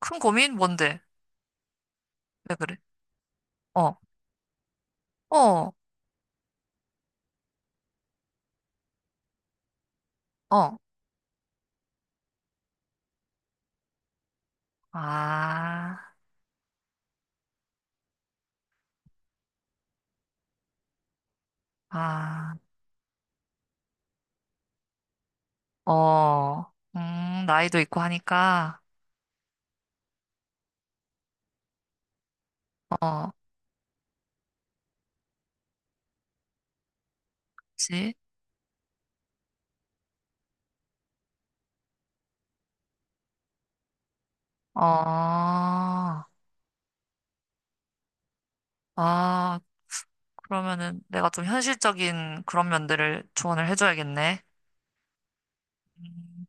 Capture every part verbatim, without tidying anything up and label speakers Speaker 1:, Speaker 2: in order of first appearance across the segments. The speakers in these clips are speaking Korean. Speaker 1: 큰 고민? 뭔데? 왜 그래? 어, 어, 어. 아, 아, 어. 음, 나이도 있고 하니까, 어, 그치? 어, 아, 그러면은 내가 좀 현실적인 그런 면들을 조언을 해줘야겠네. 음,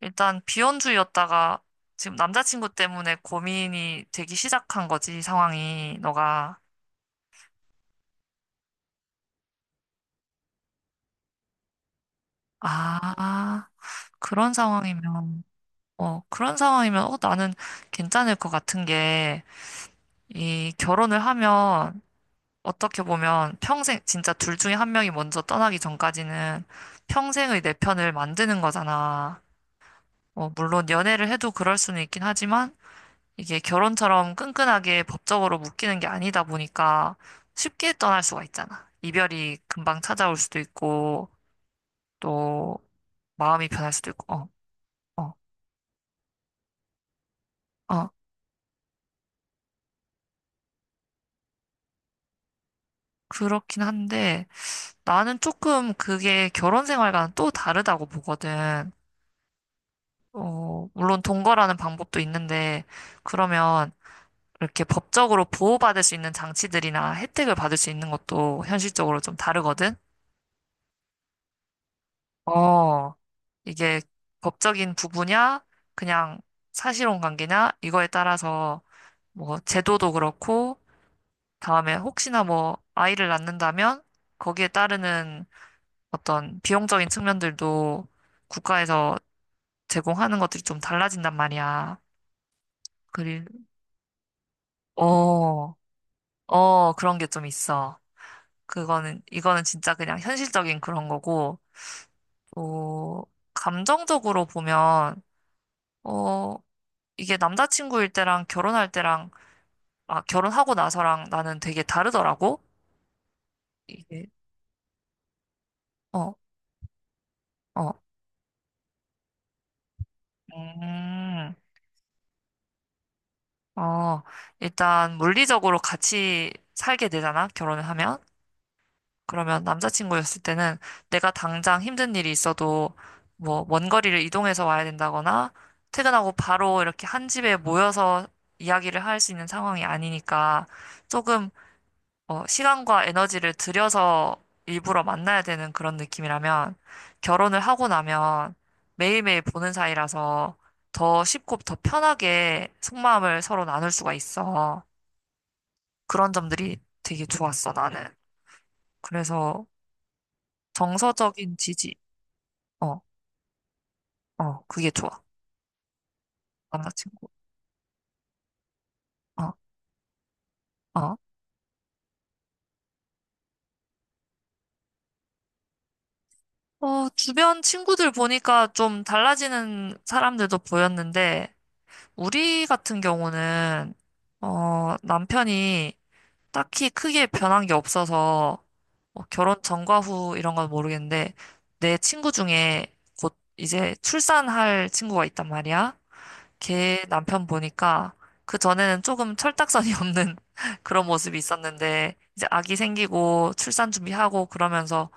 Speaker 1: 일단 비혼주의였다가 지금 남자친구 때문에 고민이 되기 시작한 거지, 상황이, 너가. 아, 그런 상황이면. 어, 그런 상황이면, 어, 나는 괜찮을 것 같은 게, 이 결혼을 하면, 어떻게 보면 평생, 진짜 둘 중에 한 명이 먼저 떠나기 전까지는 평생의 내 편을 만드는 거잖아. 어, 물론 연애를 해도 그럴 수는 있긴 하지만, 이게 결혼처럼 끈끈하게 법적으로 묶이는 게 아니다 보니까 쉽게 떠날 수가 있잖아. 이별이 금방 찾아올 수도 있고, 또 마음이 변할 수도 있고, 어, 어, 어, 그렇긴 한데, 나는 조금 그게 결혼 생활과는 또 다르다고 보거든. 어, 물론 동거라는 방법도 있는데, 그러면 이렇게 법적으로 보호받을 수 있는 장치들이나 혜택을 받을 수 있는 것도 현실적으로 좀 다르거든. 어, 이게 법적인 부부냐, 그냥 사실혼 관계냐, 이거에 따라서 뭐 제도도 그렇고, 다음에 혹시나 뭐 아이를 낳는다면 거기에 따르는 어떤 비용적인 측면들도 국가에서 제공하는 것들이 좀 달라진단 말이야. 그리, 어, 어, 그런 게 좀 있어. 그거는, 이거는 진짜 그냥 현실적인 그런 거고, 또, 감정적으로 보면, 어, 이게 남자친구일 때랑 결혼할 때랑, 아, 결혼하고 나서랑 나는 되게 다르더라고? 이게, 어, 어, 음, 어, 일단 물리적으로 같이 살게 되잖아, 결혼을 하면. 그러면 남자친구였을 때는 내가 당장 힘든 일이 있어도 뭐 먼 거리를 이동해서 와야 된다거나 퇴근하고 바로 이렇게 한 집에 모여서 이야기를 할 수 있는 상황이 아니니까 조금 어, 시간과 에너지를 들여서 일부러 만나야 되는 그런 느낌이라면 결혼을 하고 나면 매일매일 보는 사이라서 더 쉽고 더 편하게 속마음을 서로 나눌 수가 있어. 그런 점들이 되게 좋았어, 나는. 그래서 정서적인 지지. 어, 어, 그게 좋아. 남자친구. 어, 어. 어, 주변 친구들 보니까 좀 달라지는 사람들도 보였는데, 우리 같은 경우는, 어, 남편이 딱히 크게 변한 게 없어서, 뭐 결혼 전과 후 이런 건 모르겠는데, 내 친구 중에 곧 이제 출산할 친구가 있단 말이야. 걔 남편 보니까 그 전에는 조금 철딱선이 없는 그런 모습이 있었는데 이제 아기 생기고 출산 준비하고 그러면서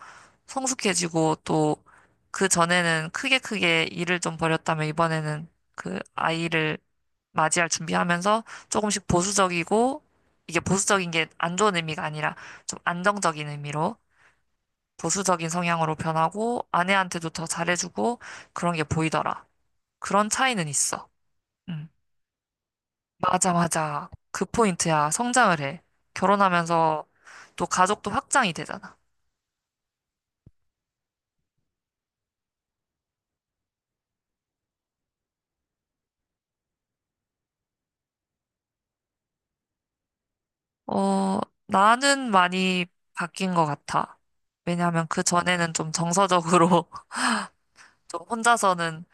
Speaker 1: 성숙해지고 또 그 전에는 크게 크게 일을 좀 벌였다면 이번에는 그 아이를 맞이할 준비하면서 조금씩 보수적이고 이게 보수적인 게 안 좋은 의미가 아니라 좀 안정적인 의미로 보수적인 성향으로 변하고 아내한테도 더 잘해주고 그런 게 보이더라. 그런 차이는 있어. 음. 맞아, 맞아. 그 포인트야. 성장을 해. 결혼하면서 또 가족도 확장이 되잖아. 어, 나는 많이 바뀐 것 같아. 왜냐하면 그 전에는 좀 정서적으로 좀 혼자서는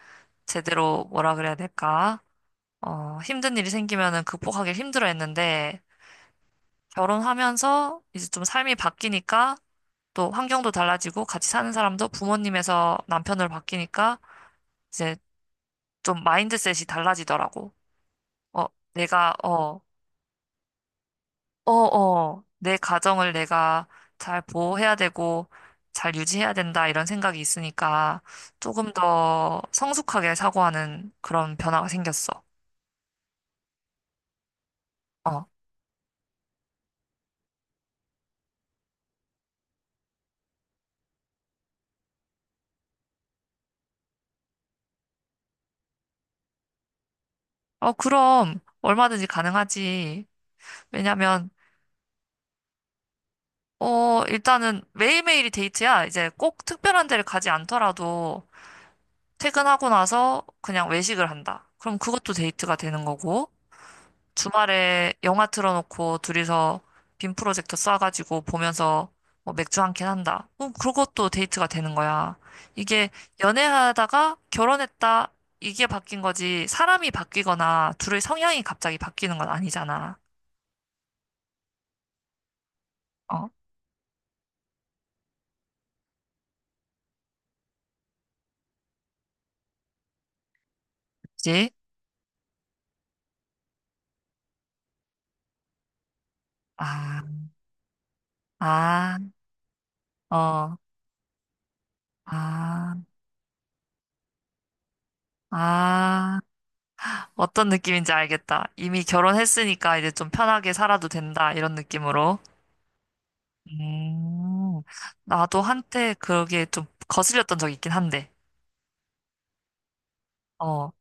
Speaker 1: 제대로 뭐라 그래야 될까? 어, 힘든 일이 생기면은 극복하기 힘들어 했는데 결혼하면서 이제 좀 삶이 바뀌니까 또 환경도 달라지고 같이 사는 사람도 부모님에서 남편으로 바뀌니까 이제 좀 마인드셋이 달라지더라고. 어, 내가, 어, 어, 어, 내 가정을 내가 잘 보호해야 되고, 잘 유지해야 된다, 이런 생각이 있으니까, 조금 더 성숙하게 사고하는 그런 변화가 생겼어. 어, 어, 그럼, 얼마든지 가능하지. 왜냐면, 어, 일단은 매일매일이 데이트야. 이제 꼭 특별한 데를 가지 않더라도, 퇴근하고 나서 그냥 외식을 한다. 그럼 그것도 데이트가 되는 거고, 주말에 영화 틀어놓고 둘이서 빔 프로젝터 쏴가지고 보면서 뭐 맥주 한 캔 한다. 그 그것도 데이트가 되는 거야. 이게 연애하다가 결혼했다. 이게 바뀐 거지. 사람이 바뀌거나 둘의 성향이 갑자기 바뀌는 건 아니잖아. 어? 그치? 아, 아, 어, 아, 아. 어떤 느낌인지 알겠다. 이미 결혼했으니까 이제 좀 편하게 살아도 된다. 이런 느낌으로. 음, 나도 한때 그게 좀 거슬렸던 적이 있긴 한데, 어,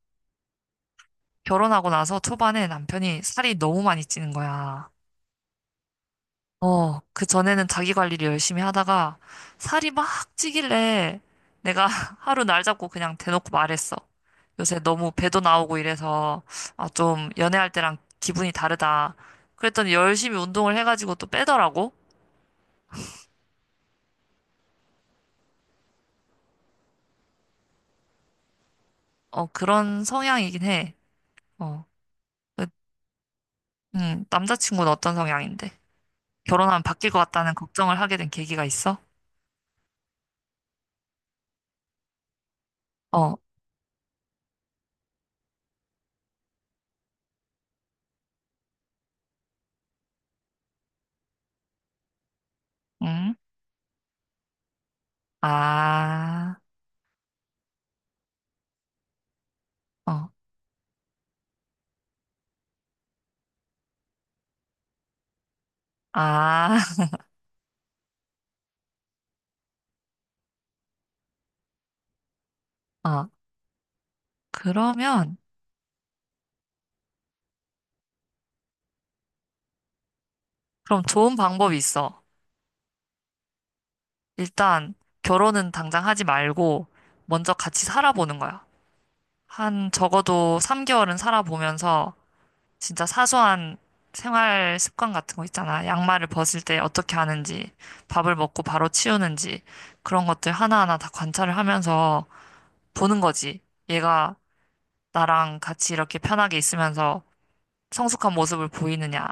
Speaker 1: 결혼하고 나서 초반에 남편이 살이 너무 많이 찌는 거야. 어, 그 전에는 자기 관리를 열심히 하다가 살이 막 찌길래 내가 하루 날 잡고 그냥 대놓고 말했어. 요새 너무 배도 나오고 이래서, 아, 좀 연애할 때랑 기분이 다르다. 그랬더니 열심히 운동을 해가지고 또 빼더라고. 어, 그런 성향이긴 해. 어, 그, 음, 남자친구는 어떤 성향인데? 결혼하면 바뀔 것 같다는 걱정을 하게 된 계기가 있어? 어, 응? 아, 어, 아, 어. 그러면, 그럼 좋은 방법이 있어. 일단, 결혼은 당장 하지 말고, 먼저 같이 살아보는 거야. 한, 적어도 삼 개월은 살아보면서, 진짜 사소한 생활 습관 같은 거 있잖아. 양말을 벗을 때 어떻게 하는지, 밥을 먹고 바로 치우는지, 그런 것들 하나하나 다 관찰을 하면서 보는 거지. 얘가 나랑 같이 이렇게 편하게 있으면서 성숙한 모습을 보이느냐,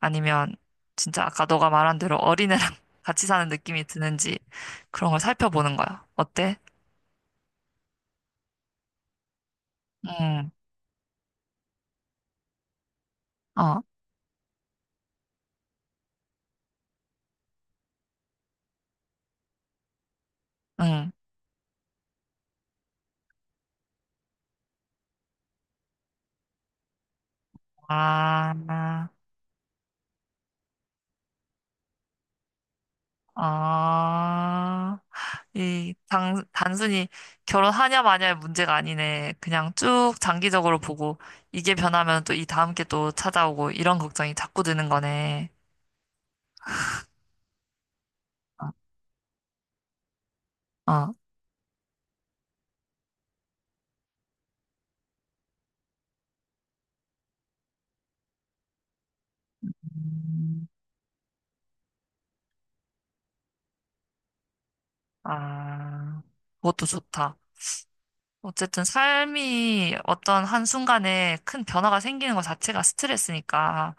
Speaker 1: 아니면 진짜 아까 너가 말한 대로 어린애랑 같이 사는 느낌이 드는지 그런 걸 살펴보는 거야. 어때? 응, 어, 응. 아, 아, 이, 당, 단순히 결혼하냐 마냐의 문제가 아니네. 그냥 쭉 장기적으로 보고 이게 변하면 또 이 다음 게 또 찾아오고 이런 걱정이 자꾸 드는 거네. 어, 어. 아, 그것도 좋다. 어쨌든 삶이 어떤 한순간에 큰 변화가 생기는 것 자체가 스트레스니까,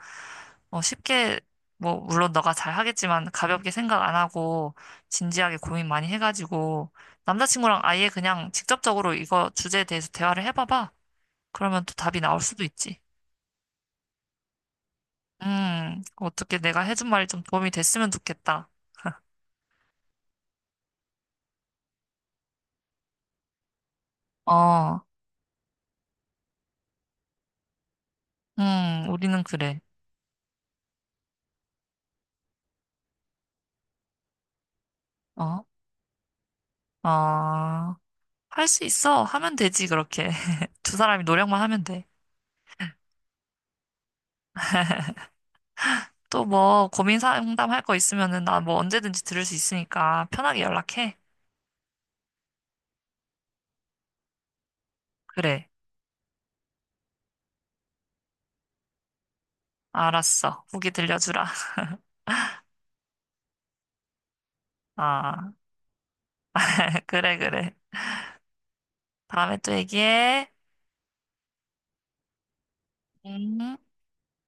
Speaker 1: 어, 쉽게, 뭐, 물론 너가 잘 하겠지만, 가볍게 생각 안 하고, 진지하게 고민 많이 해가지고, 남자친구랑 아예 그냥 직접적으로 이거 주제에 대해서 대화를 해봐봐. 그러면 또 답이 나올 수도 있지. 음, 어떻게 내가 해준 말이 좀 도움이 됐으면 좋겠다. 어, 음, 우리는 그래. 어, 어. 할 수 있어. 하면 되지, 그렇게. 두 사람이 노력만 하면 돼. 또 뭐, 고민 상담 할 거 있으면은 나 뭐 언제든지 들을 수 있으니까 편하게 연락해. 그래. 알았어. 후기 들려주라. 아, 그래, 그래. 다음에 또 얘기해. 음.